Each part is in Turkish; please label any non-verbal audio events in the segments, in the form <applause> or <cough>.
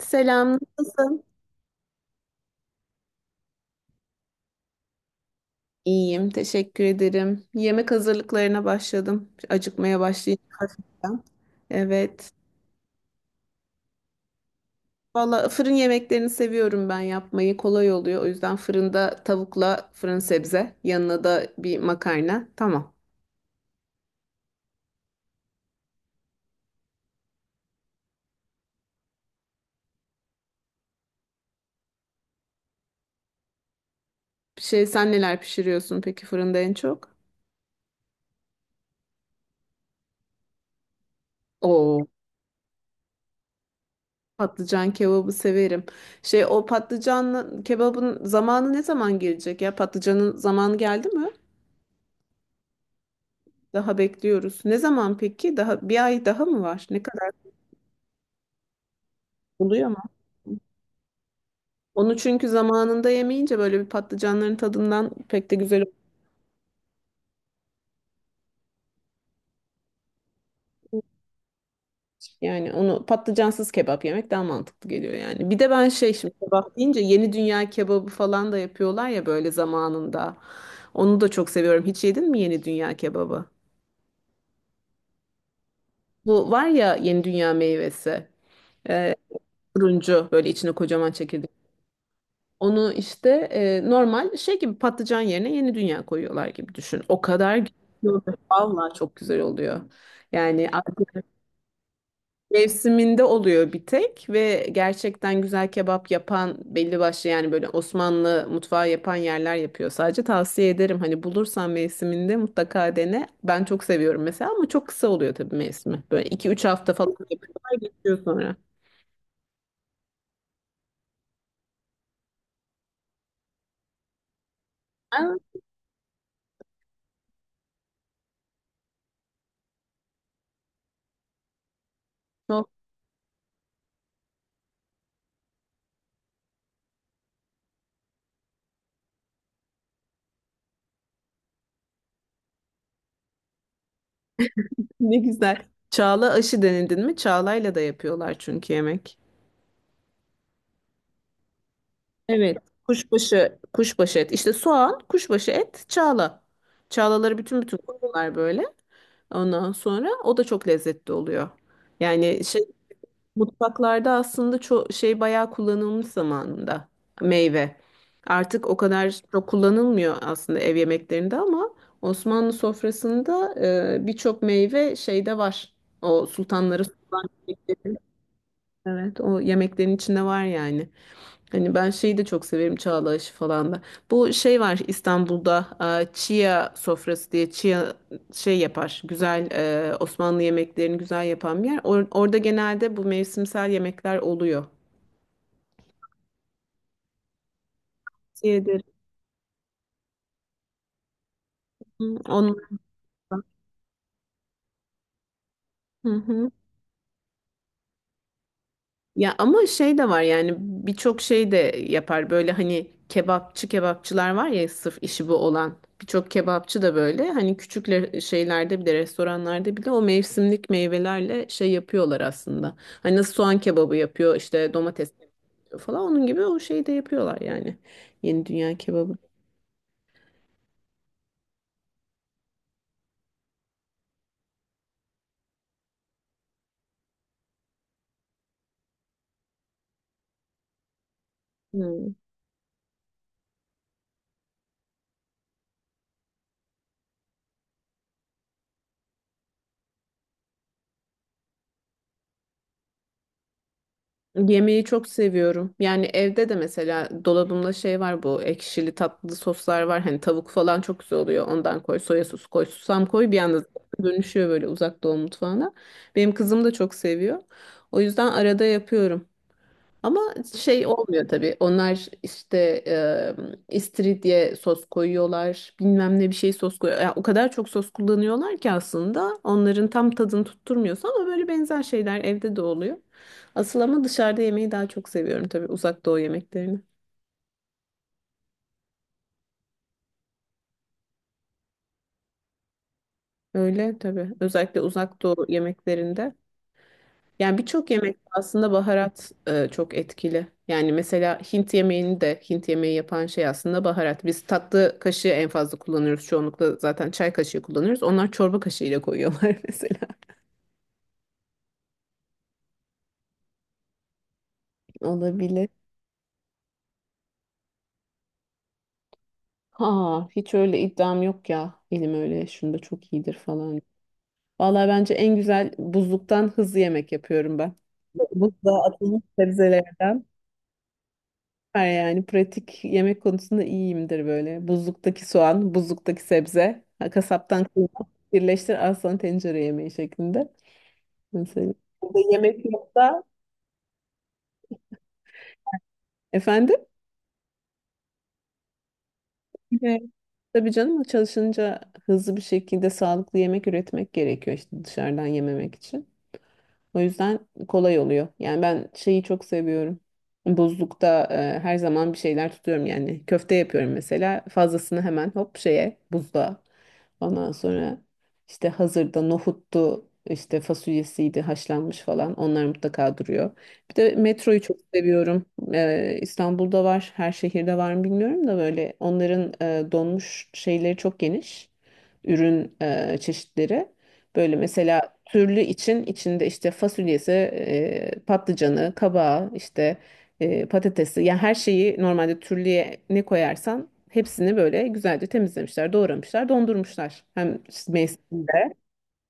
Selam, nasılsın? İyiyim, teşekkür ederim. Yemek hazırlıklarına başladım. Acıkmaya başlayacağım hafiften. Evet. Valla fırın yemeklerini seviyorum ben yapmayı. Kolay oluyor. O yüzden fırında tavukla fırın sebze. Yanına da bir makarna. Tamam. Şey, sen neler pişiriyorsun peki fırında en çok? Oo, patlıcan kebabı severim. Şey, o patlıcanlı kebabın zamanı ne zaman gelecek ya? Patlıcanın zamanı geldi mi? Daha bekliyoruz. Ne zaman peki? Daha bir ay daha mı var? Ne kadar oluyor ama. Onu çünkü zamanında yemeyince böyle bir patlıcanların tadından pek de güzel olmuş. Yani onu patlıcansız kebap yemek daha mantıklı geliyor yani. Bir de ben şey şimdi kebap deyince yeni dünya kebabı falan da yapıyorlar ya böyle zamanında. Onu da çok seviyorum. Hiç yedin mi yeni dünya kebabı? Bu var ya yeni dünya meyvesi. Ee, turuncu böyle içine kocaman çekirdek. Onu işte normal şey gibi patlıcan yerine yeni dünya koyuyorlar gibi düşün. O kadar güzel oluyor. Vallahi çok güzel oluyor. Yani artık mevsiminde oluyor bir tek ve gerçekten güzel kebap yapan belli başlı yani böyle Osmanlı mutfağı yapan yerler yapıyor. Sadece tavsiye ederim hani bulursan mevsiminde mutlaka dene. Ben çok seviyorum mesela ama çok kısa oluyor tabii mevsimi. Böyle iki üç hafta falan yapıyorlar geçiyor sonra. Ha, Ne güzel. Çağla aşı denildin mi? Çağlayla da yapıyorlar çünkü yemek. Evet. Kuşbaşı, kuşbaşı et. İşte soğan, kuşbaşı et, çağla. Çağlaları bütün bütün koyuyorlar böyle. Ondan sonra o da çok lezzetli oluyor. Yani şey mutfaklarda aslında çok şey bayağı kullanılmış zamanında meyve. Artık o kadar çok kullanılmıyor aslında ev yemeklerinde ama Osmanlı sofrasında birçok meyve şeyde var. O sultanları evet, o yemeklerin içinde var yani. Hani ben şeyi de çok severim çağla aşı falan da. Bu şey var İstanbul'da chia sofrası diye chia şey yapar. Güzel Osmanlı yemeklerini güzel yapan bir yer. Orada genelde bu mevsimsel yemekler oluyor. Tavsiye ederim. Hı, onlar da. Hı hı. Ya ama şey de var yani birçok şey de yapar böyle hani kebapçı kebapçılar var ya sırf işi bu olan birçok kebapçı da böyle hani küçük şeylerde bile restoranlarda bile o mevsimlik meyvelerle şey yapıyorlar aslında. Hani nasıl soğan kebabı yapıyor işte domates kebabı yapıyor falan onun gibi o şeyi de yapıyorlar yani yeni dünya kebabı. Yemeği çok seviyorum. Yani evde de mesela dolabımda şey var bu ekşili tatlı soslar var. Hani tavuk falan çok güzel oluyor. Ondan koy soya sosu koy susam koy bir anda dönüşüyor böyle uzak doğu mutfağına. Benim kızım da çok seviyor. O yüzden arada yapıyorum. Ama şey olmuyor tabii. Onlar işte istiridye sos koyuyorlar. Bilmem ne bir şey sos koyuyor. Ya o kadar çok sos kullanıyorlar ki aslında onların tam tadını tutturmuyorsa ama böyle benzer şeyler evde de oluyor. Asıl ama dışarıda yemeği daha çok seviyorum tabii uzak doğu yemeklerini. Öyle tabii. Özellikle uzak doğu yemeklerinde. Yani birçok yemek aslında baharat çok etkili. Yani mesela Hint yemeğini de Hint yemeği yapan şey aslında baharat. Biz tatlı kaşığı en fazla kullanıyoruz. Çoğunlukla zaten çay kaşığı kullanıyoruz. Onlar çorba kaşığıyla koyuyorlar <laughs> mesela. Olabilir. Ha, hiç öyle iddiam yok ya. Elim öyle şunda çok iyidir falan. Vallahi bence en güzel buzluktan hızlı yemek yapıyorum ben. Buzluğa atılmış sebzelerden. Süper yani pratik yemek konusunda iyiyimdir böyle. Buzluktaki soğan, buzluktaki sebze, ha, kasaptan kıyma, birleştir al sana tencere yemeği şeklinde. Mesela burada yemek yoksa efendim? Evet. Tabii canım çalışınca hızlı bir şekilde sağlıklı yemek üretmek gerekiyor işte dışarıdan yememek için. O yüzden kolay oluyor. Yani ben şeyi çok seviyorum. Buzlukta her zaman bir şeyler tutuyorum yani. Köfte yapıyorum mesela. Fazlasını hemen hop şeye buzluğa. Ondan sonra işte hazırda nohuttu, işte fasulyesiydi, haşlanmış falan. Onlar mutlaka duruyor. Bir de metroyu çok seviyorum. İstanbul'da var, her şehirde var mı bilmiyorum da böyle onların donmuş şeyleri çok geniş. Ürün çeşitleri. Böyle mesela türlü için içinde işte fasulyesi, patlıcanı, kabağı, işte patatesi. Yani her şeyi normalde türlüye ne koyarsan hepsini böyle güzelce temizlemişler, doğramışlar, dondurmuşlar. Hem mevsiminde.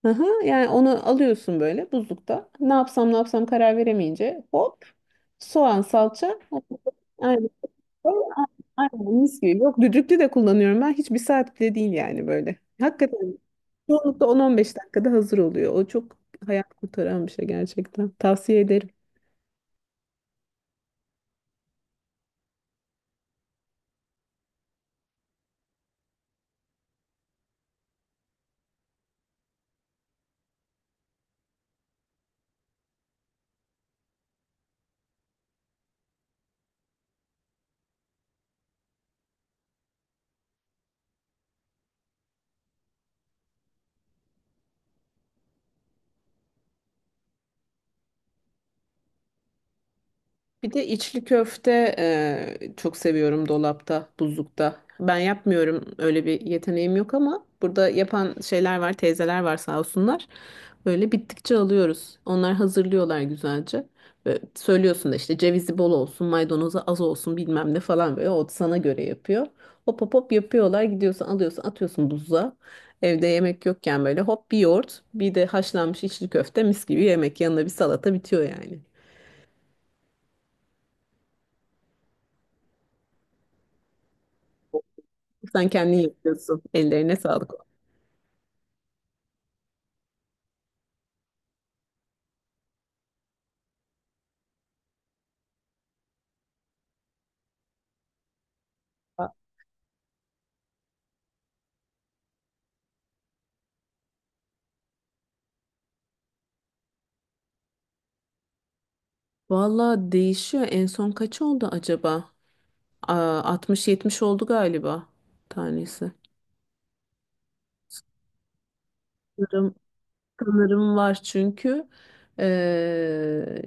Aha, yani onu alıyorsun böyle buzlukta. Ne yapsam ne yapsam karar veremeyince hop soğan, salça. <laughs> Aynen. Aynen mis gibi. Yok düdüklü de kullanıyorum ben. Hiç bir saat bile değil yani böyle. Hakikaten çoğunlukla 10-15 dakikada hazır oluyor. O çok hayat kurtaran bir şey gerçekten. Tavsiye ederim. Bir de içli köfte çok seviyorum dolapta, buzlukta. Ben yapmıyorum öyle bir yeteneğim yok ama burada yapan şeyler var, teyzeler var sağ olsunlar. Böyle bittikçe alıyoruz. Onlar hazırlıyorlar güzelce. Ve söylüyorsun da işte cevizi bol olsun, maydanozu az olsun bilmem ne falan böyle o sana göre yapıyor. Hop hop hop yapıyorlar gidiyorsun alıyorsun atıyorsun buzluğa. Evde yemek yokken böyle hop bir yoğurt bir de haşlanmış içli köfte mis gibi yemek yanına bir salata bitiyor yani. Sen kendin yapıyorsun. Ellerine sağlık. Valla değişiyor. En son kaç oldu acaba? Aa, 60-70 oldu galiba tanesi. Sanırım, sanırım var çünkü eee,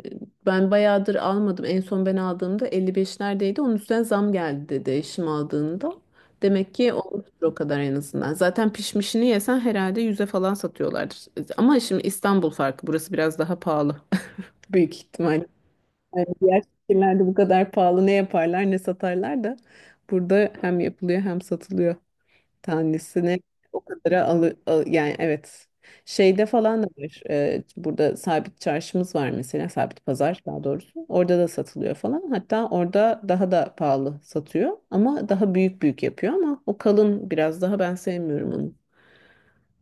ben bayağıdır almadım. En son ben aldığımda 55'lerdeydi. Onun üstüne zam geldi dedi eşim aldığında. Demek ki olmuştur o kadar en azından. Zaten pişmişini yesen herhalde 100'e falan satıyorlardır. Ama şimdi İstanbul farkı. Burası biraz daha pahalı. <laughs> Büyük ihtimal. Yani diğer şehirlerde bu kadar pahalı ne yaparlar ne satarlar da burada hem yapılıyor hem satılıyor tanesine o kadara yani evet şeyde falan da var. Burada sabit çarşımız var mesela sabit pazar daha doğrusu orada da satılıyor falan hatta orada daha da pahalı satıyor ama daha büyük büyük yapıyor ama o kalın biraz daha ben sevmiyorum onu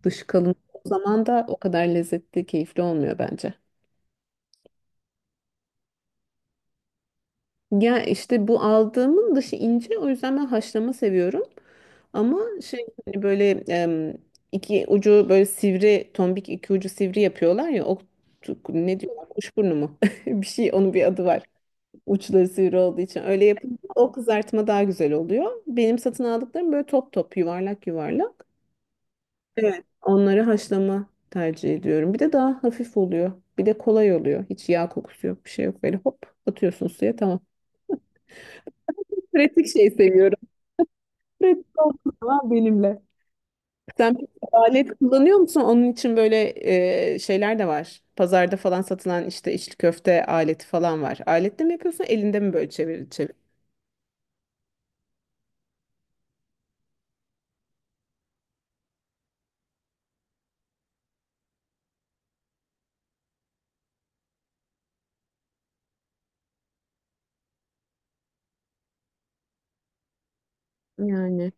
dışı kalın o zaman da o kadar lezzetli keyifli olmuyor bence. Ya işte bu aldığımın dışı ince o yüzden ben haşlama seviyorum. Ama şey hani böyle iki ucu böyle sivri tombik iki ucu sivri yapıyorlar ya o ne diyorlar kuşburnu mu? <laughs> Bir şey onun bir adı var. Uçları sivri olduğu için öyle yapınca o kızartma daha güzel oluyor. Benim satın aldıklarım böyle top top yuvarlak yuvarlak. Evet. Onları haşlama tercih ediyorum. Bir de daha hafif oluyor. Bir de kolay oluyor. Hiç yağ kokusu yok, bir şey yok. Böyle hop atıyorsun suya tamam. Pratik şey seviyorum. Pratik olsun ama benimle. Sen peki alet kullanıyor musun? Onun için böyle şeyler de var. Pazarda falan satılan işte içli köfte aleti falan var. Aletle mi yapıyorsun? Elinde mi böyle çevir çevir? Yani.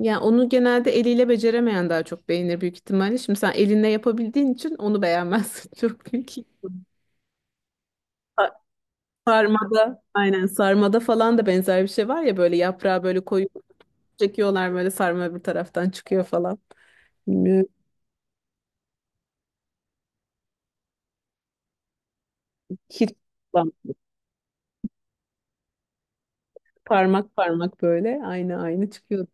Ya onu genelde eliyle beceremeyen daha çok beğenir büyük ihtimalle. Şimdi sen elinle yapabildiğin için onu beğenmezsin <laughs> çok büyük ihtimalle. Sarmada, aynen sarmada falan da benzer bir şey var ya böyle yaprağı böyle koyup çekiyorlar böyle sarma bir taraftan çıkıyor falan. Bilmiyorum. Hiç ulan parmak parmak böyle aynı aynı çıkıyor.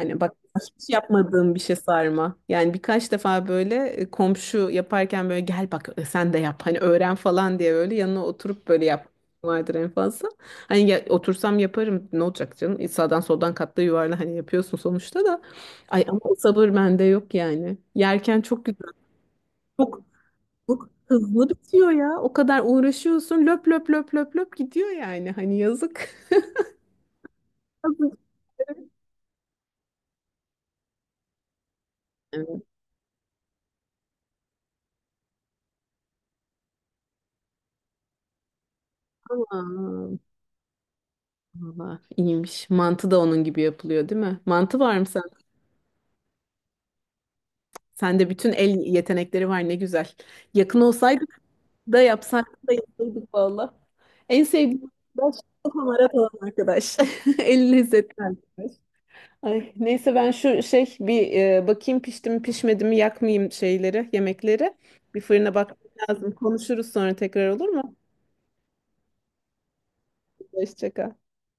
Yani bak hiç yapmadığım bir şey sarma. Yani birkaç defa böyle komşu yaparken böyle gel bak sen de yap hani öğren falan diye böyle yanına oturup böyle yap vardır en fazla. Hani otursam yaparım ne olacak canım? Sağdan soldan katla yuvarla hani yapıyorsun sonuçta da. Ay ama o sabır bende yok yani. Yerken çok güzel. Çok, çok hızlı bitiyor ya. O kadar uğraşıyorsun löp löp löp löp löp gidiyor yani. Hani yazık. <laughs> Yazık. Evet. Aa, valla iyiymiş. Mantı da onun gibi yapılıyor, değil mi? Mantı var mı sen? Sende bütün el yetenekleri var ne güzel. Yakın olsaydık da yapsaydık da yapsaydık valla. En sevdiğim arkadaş çok hamarat olan arkadaş. <laughs> El lezzetli arkadaş. Ay, neyse ben şu şey bir bakayım pişti mi pişmedi mi yakmayayım şeyleri yemekleri. Bir fırına bakmam lazım. Konuşuruz sonra tekrar olur mu? Hoşça kal.